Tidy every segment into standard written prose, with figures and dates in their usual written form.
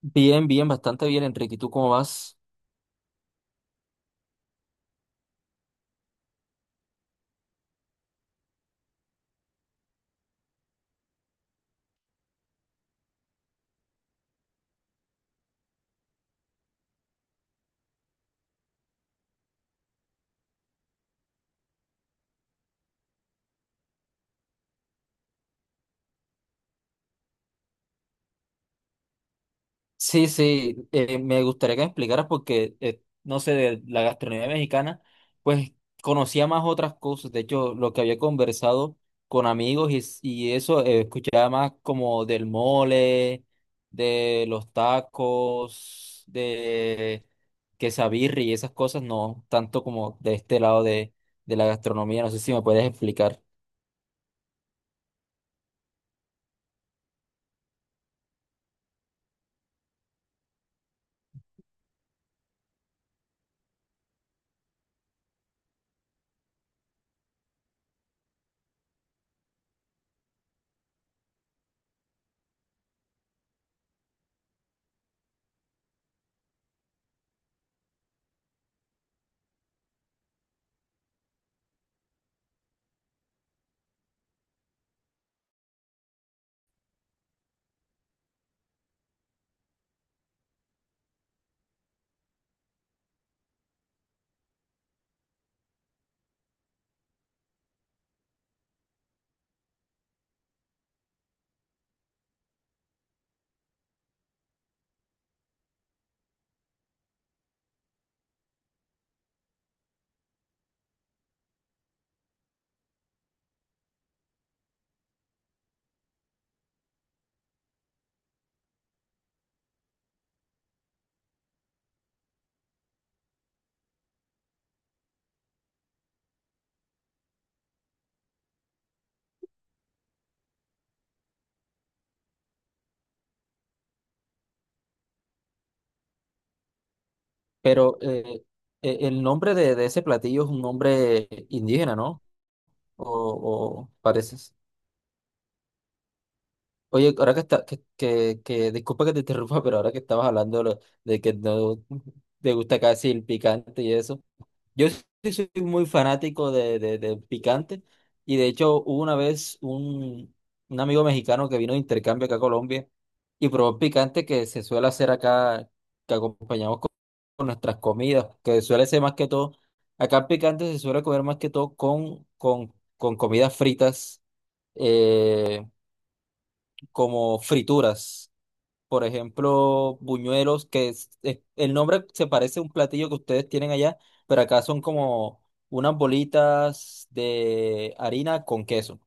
Bastante bien, Enrique. ¿Y tú cómo vas? Sí, sí, me gustaría que me explicaras porque, no sé, de la gastronomía mexicana, pues conocía más otras cosas. De hecho, lo que había conversado con amigos y eso, escuchaba más como del mole, de los tacos, de quesabirri y esas cosas, no tanto como de este lado de la gastronomía. No sé si me puedes explicar. Pero el nombre de ese platillo es un nombre indígena, ¿no? O, o pareces. Oye, ahora que está, disculpa que te interrumpa, pero ahora que estabas hablando de que no te gusta casi el picante y eso. Yo sí soy muy fanático de picante y de hecho hubo una vez un amigo mexicano que vino de intercambio acá a Colombia y probó picante que se suele hacer acá, que acompañamos con nuestras comidas, que suele ser más que todo, acá el picante se suele comer más que todo con, con comidas fritas, eh, como frituras por ejemplo, buñuelos, el nombre se parece a un platillo que ustedes tienen allá, pero acá son como unas bolitas de harina con queso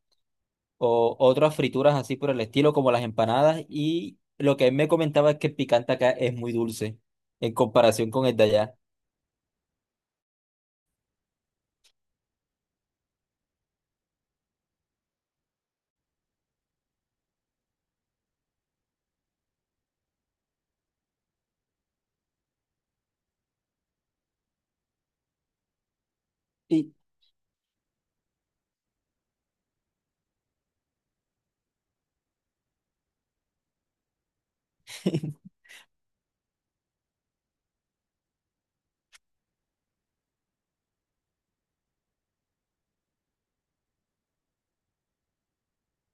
o otras frituras así por el estilo, como las empanadas. Y lo que él me comentaba es que el picante acá es muy dulce en comparación con el de allá. Y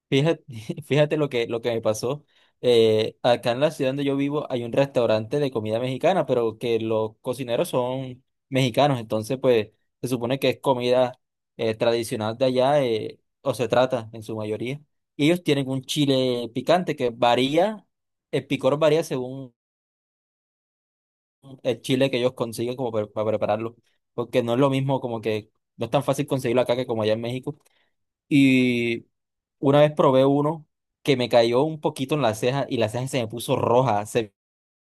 Fíjate, fíjate lo que me pasó. Acá en la ciudad donde yo vivo hay un restaurante de comida mexicana, pero que los cocineros son mexicanos, entonces pues se supone que es comida tradicional de allá, o se trata en su mayoría. Y ellos tienen un chile picante que varía, el picor varía según el chile que ellos consiguen como para prepararlo, porque no es lo mismo como que no es tan fácil conseguirlo acá que como allá en México. Y una vez probé uno que me cayó un poquito en la ceja y la ceja se me puso roja, se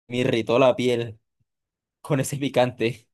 me irritó la piel con ese picante.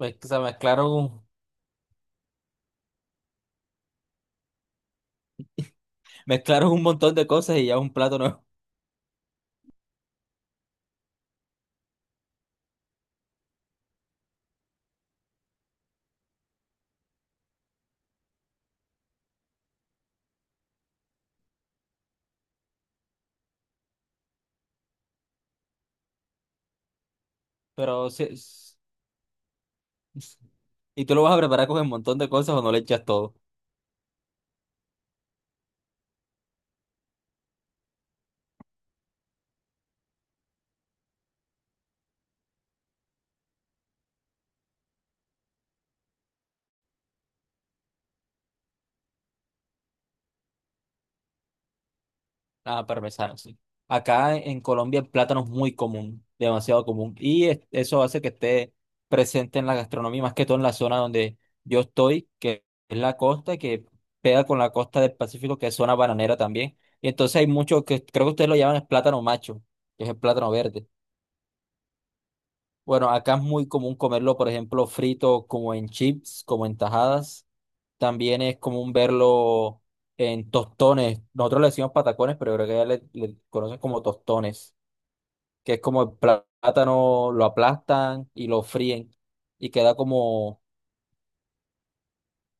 O sea, mezclaron un montón de cosas y ya un plato nuevo. Pero sí- es- ¿Y tú lo vas a preparar con un montón de cosas o no le echas todo? Ah, parmesano, sí. Acá en Colombia el plátano es muy común, demasiado común. Eso hace que esté presente en la gastronomía, más que todo en la zona donde yo estoy, que es la costa, que pega con la costa del Pacífico, que es zona bananera también. Y entonces hay mucho que creo que ustedes lo llaman el plátano macho, que es el plátano verde. Bueno, acá es muy común comerlo, por ejemplo, frito como en chips, como en tajadas. También es común verlo en tostones. Nosotros le decimos patacones, pero creo que ya le conocen como tostones, que es como el plátano, lo aplastan y lo fríen y queda como,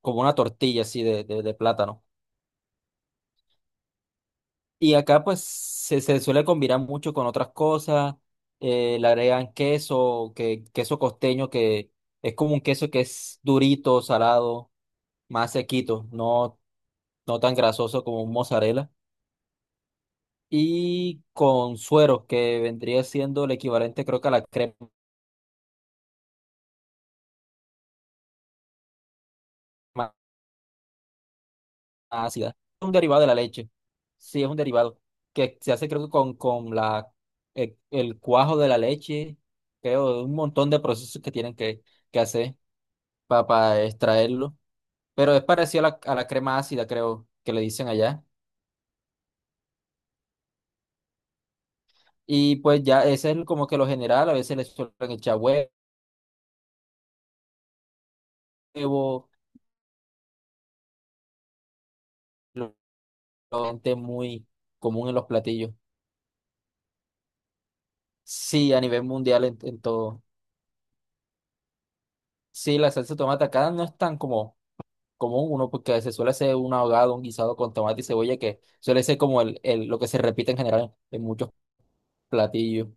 como una tortilla así de plátano. Y acá pues se suele combinar mucho con otras cosas. Le agregan queso, queso costeño, que es como un queso que es durito, salado, más sequito, no, no tan grasoso como un mozzarella. Y con suero, que vendría siendo el equivalente, creo que a la crema ácida. Un derivado de la leche. Sí, es un derivado que se hace, creo que con la, el cuajo de la leche, creo, un montón de procesos que tienen que hacer para extraerlo. Pero es parecido a la crema ácida, creo, que le dicen allá. Y pues ya ese es como que lo general, a veces le suelen echar huevo, realmente muy común en los platillos. Sí, a nivel mundial en todo. Sí, la salsa de tomate acá no es tan como común uno porque se suele hacer un ahogado, un guisado con tomate y cebolla que suele ser como el, lo que se repite en general en muchos platillos.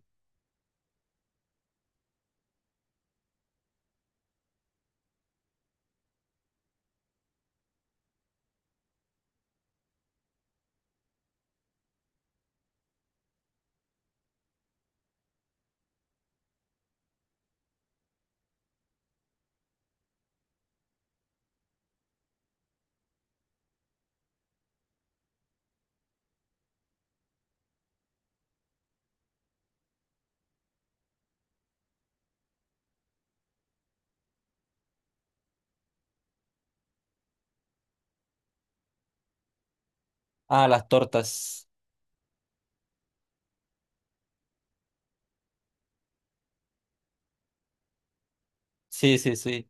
Ah, las tortas. Sí, sí, sí.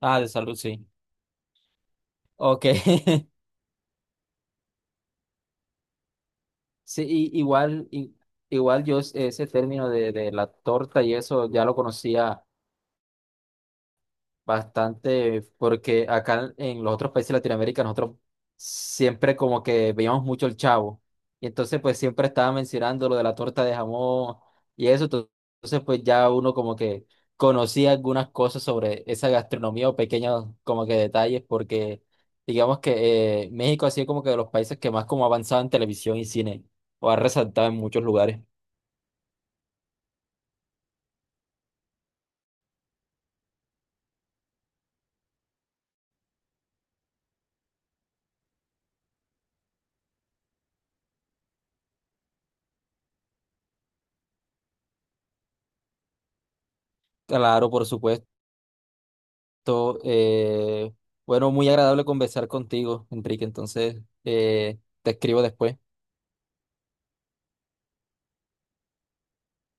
Ah, de salud, sí. Ok. Sí, y- igual, i- igual yo ese término de la torta y eso ya lo conocía, bastante, porque acá en los otros países de Latinoamérica nosotros siempre como que veíamos mucho el Chavo. Y entonces pues siempre estaba mencionando lo de la torta de jamón y eso. Entonces pues ya uno como que conocía algunas cosas sobre esa gastronomía o pequeños como que detalles porque digamos que México ha sido como que de los países que más como ha avanzado en televisión y cine o ha resaltado en muchos lugares. Claro, por supuesto. To- eh, bueno, muy agradable conversar contigo, Enrique. Entonces, te escribo después.